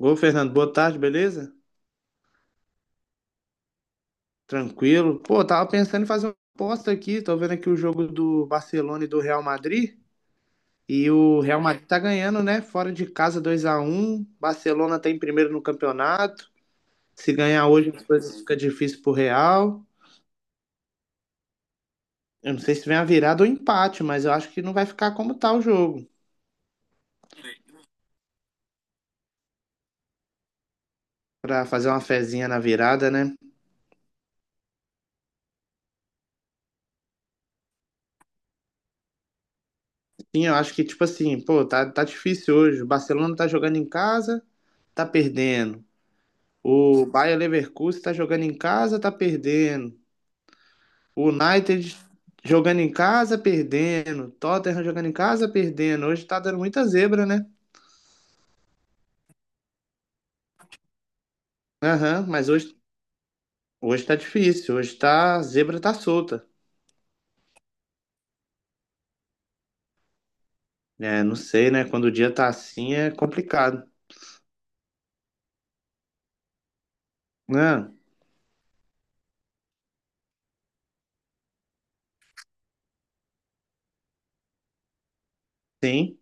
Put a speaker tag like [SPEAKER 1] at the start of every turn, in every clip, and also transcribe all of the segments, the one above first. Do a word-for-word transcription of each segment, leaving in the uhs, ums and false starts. [SPEAKER 1] Ô, Fernando, boa tarde, beleza? Tranquilo. Pô, tava pensando em fazer uma aposta aqui. Tô vendo aqui o jogo do Barcelona e do Real Madrid. E o Real Madrid tá ganhando, né? Fora de casa dois a um. Barcelona tá em primeiro no campeonato. Se ganhar hoje, as coisas ficam difíceis pro Real. Eu não sei se vem a virada ou empate, mas eu acho que não vai ficar como tá o jogo. Pra fazer uma fezinha na virada, né? Sim, eu acho que, tipo assim, pô, tá, tá difícil hoje. O Barcelona tá jogando em casa, tá perdendo. O Bayer Leverkusen está jogando em casa, está perdendo. O United jogando em casa, perdendo. Tottenham jogando em casa, perdendo. Hoje está dando muita zebra, né? Aham, mas hoje, hoje tá difícil. Hoje tá, a zebra tá solta. É, não sei, né? Quando o dia tá assim é complicado. Ah, sim,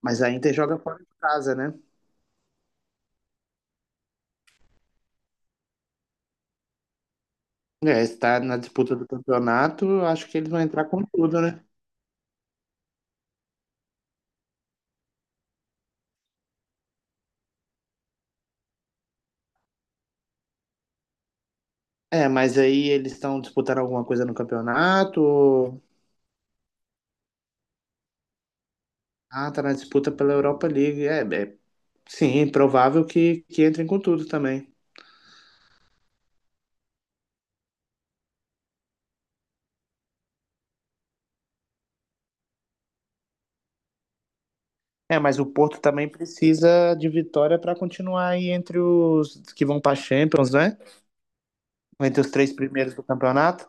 [SPEAKER 1] mas a Inter joga fora de casa, né? É, está na disputa do campeonato, acho que eles vão entrar com tudo, né? É, mas aí eles estão disputando alguma coisa no campeonato? Ah, tá na disputa pela Europa League. É, é- sim, provável que, que entrem com tudo também. É, mas o Porto também precisa de vitória para continuar aí entre os que vão para Champions, né? Entre os três primeiros do campeonato.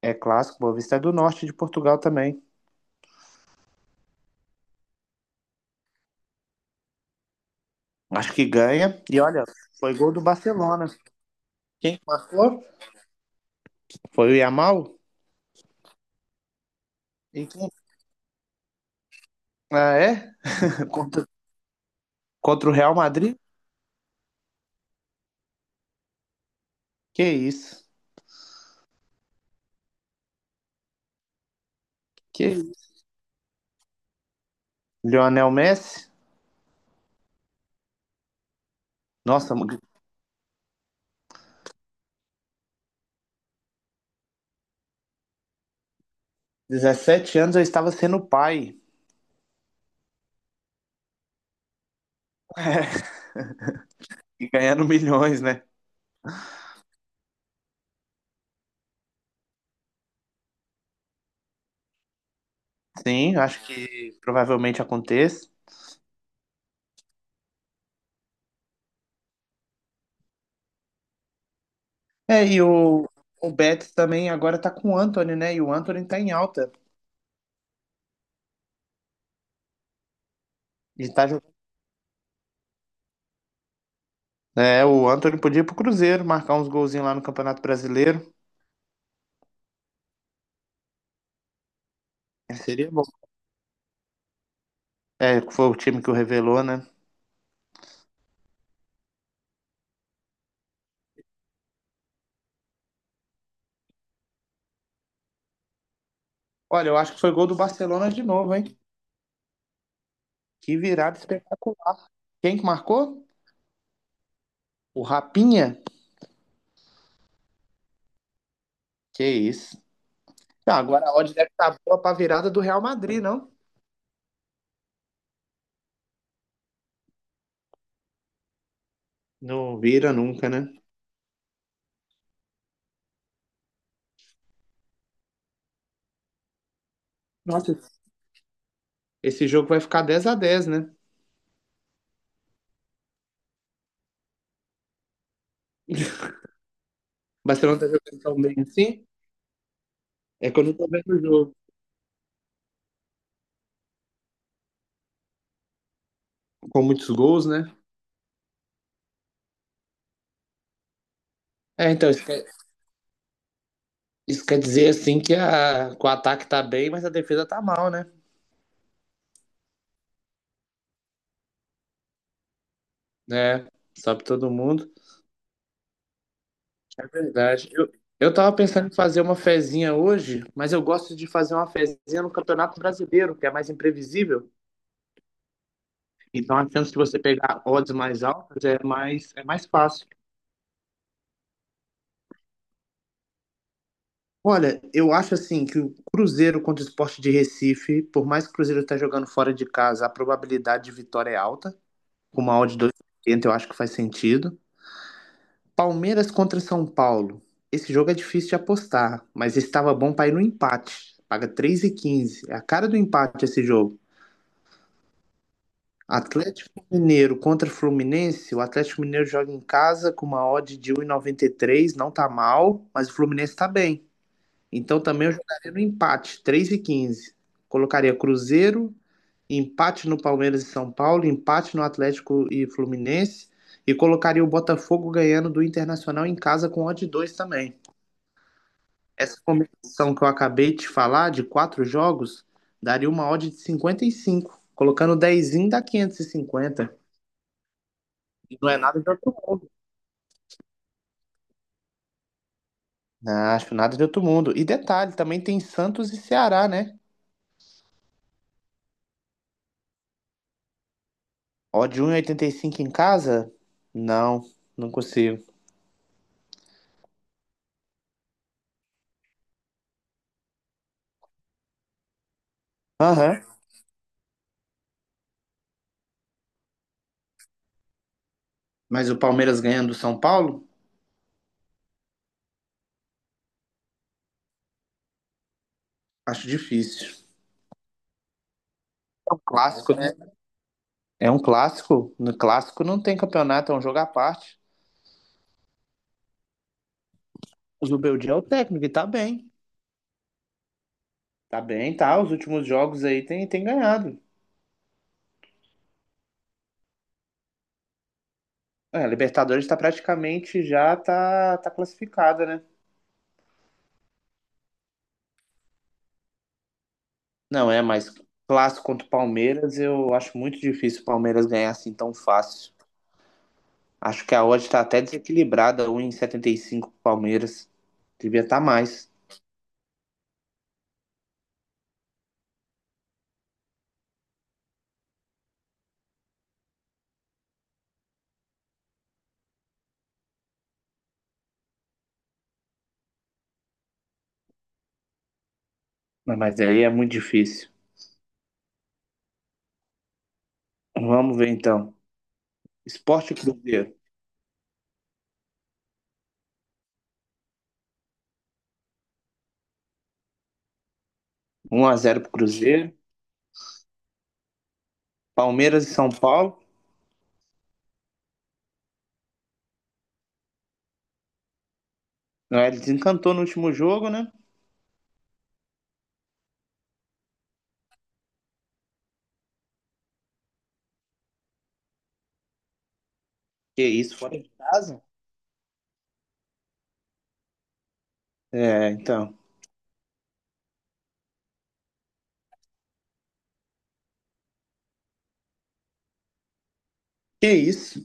[SPEAKER 1] É clássico, Boa Vista é do norte de Portugal também. Acho que ganha. E olha, foi gol do Barcelona. Quem marcou? Foi o Yamal? E quem? Ah, é? Contra, contra o Real Madrid? Que isso? Que isso? Lionel Messi? Nossa, dezessete anos eu estava sendo pai e ganhando milhões, né? Sim, acho que provavelmente aconteça. É, e o, o Betis também agora tá com o Anthony, né? E o Anthony tá em alta. E tá jogando. É, o Anthony podia ir pro Cruzeiro, marcar uns golzinhos lá no Campeonato Brasileiro. Seria bom. É, foi o time que o revelou, né? Olha, eu acho que foi gol do Barcelona de novo, hein? Que virada espetacular. Quem que marcou? O Rapinha? Que isso. Ah, agora a odd deve estar boa pra virada do Real Madrid, não? Não vira nunca, né? Nossa, esse jogo vai ficar dez a dez, né? O Barcelona tá jogando tão bem assim. É que eu não tô vendo o jogo com muitos gols, né? É, então, isso quer, isso quer dizer assim que, a, que o ataque tá bem, mas a defesa tá mal, né? É, sobe todo mundo. É verdade. Eu, eu tava pensando em fazer uma fezinha hoje, mas eu gosto de fazer uma fezinha no Campeonato Brasileiro, que é mais imprevisível. Então a chance de você pegar odds mais altas é mais, é mais fácil. Olha, eu acho assim que o Cruzeiro contra o Sport de Recife, por mais que o Cruzeiro esteja jogando fora de casa, a probabilidade de vitória é alta. Com uma odd de dois e oitenta eu acho que faz sentido. Palmeiras contra São Paulo. Esse jogo é difícil de apostar, mas estava bom para ir no empate. Paga três e quinze. É a cara do empate esse jogo. Atlético Mineiro contra Fluminense. O Atlético Mineiro joga em casa com uma odd de um e e noventa e três. Não tá mal, mas o Fluminense tá bem. Então também eu jogaria no empate, três e quinze. Colocaria Cruzeiro, empate no Palmeiras e São Paulo, empate no Atlético e Fluminense e colocaria o Botafogo ganhando do Internacional em casa com odd dois também. Essa combinação que eu acabei de falar de quatro jogos daria uma odd de cinquenta e cinco, colocando dez dá quinhentos e cinquenta. E cinquenta. E não é nada de outro mundo. Não, acho nada de outro mundo. E detalhe, também tem Santos e Ceará, né? Ó, de um e oitenta e cinco em casa? Não, não consigo. Aham. Mas o Palmeiras ganhando do São Paulo? Acho difícil. Clássico, né? É um clássico. No clássico não tem campeonato, é um jogo à parte. O Zubeldia é o técnico e tá bem. Tá bem, tá. Os últimos jogos aí tem, tem ganhado. É, a Libertadores tá praticamente já tá, tá classificada, né? Não é, mas clássico contra o Palmeiras, eu acho muito difícil o Palmeiras ganhar assim tão fácil. Acho que a odd está até desequilibrada, um e setenta e cinco pro Palmeiras. Devia estar tá mais, mas aí é muito difícil. Vamos ver então. Sport Cruzeiro, um a zero pro Cruzeiro. Palmeiras e São Paulo. Não, ele desencantou no último jogo, né? Que isso, fora de casa? É, então. Que isso.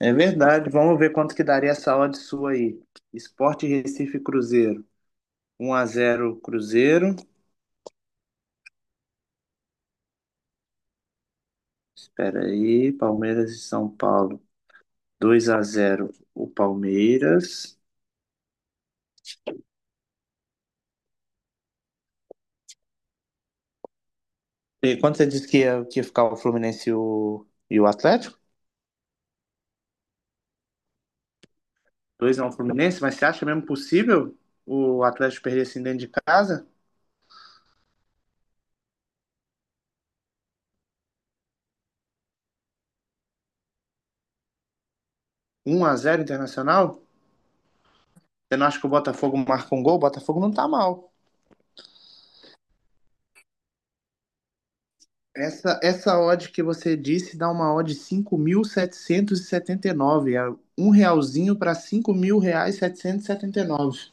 [SPEAKER 1] É verdade. Vamos ver quanto que daria essa odd sua aí. Sport Recife Cruzeiro. um a zero Cruzeiro. Espera aí, Palmeiras e São Paulo. Dois a zero o Palmeiras. E quanto você disse que ia, que ia ficar o Fluminense e o, e o Atlético? dois a um Fluminense, mas você acha mesmo possível o Atlético perder assim dentro de casa? Um a zero Internacional? Você não acha que o Botafogo marca um gol? O Botafogo não tá mal. Essa, essa odd que você disse dá uma odd de cinco mil setecentos e setenta e nove. É um realzinho para cinco mil reais setecentos e e setenta e nove.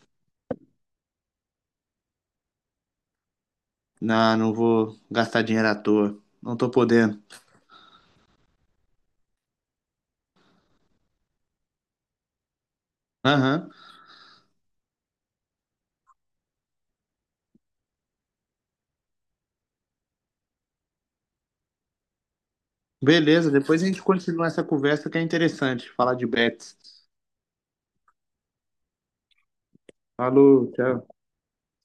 [SPEAKER 1] Não, não vou gastar dinheiro à toa. Não tô podendo. Aham. Beleza, depois a gente continua essa conversa que é interessante falar de bets. Falou, tchau.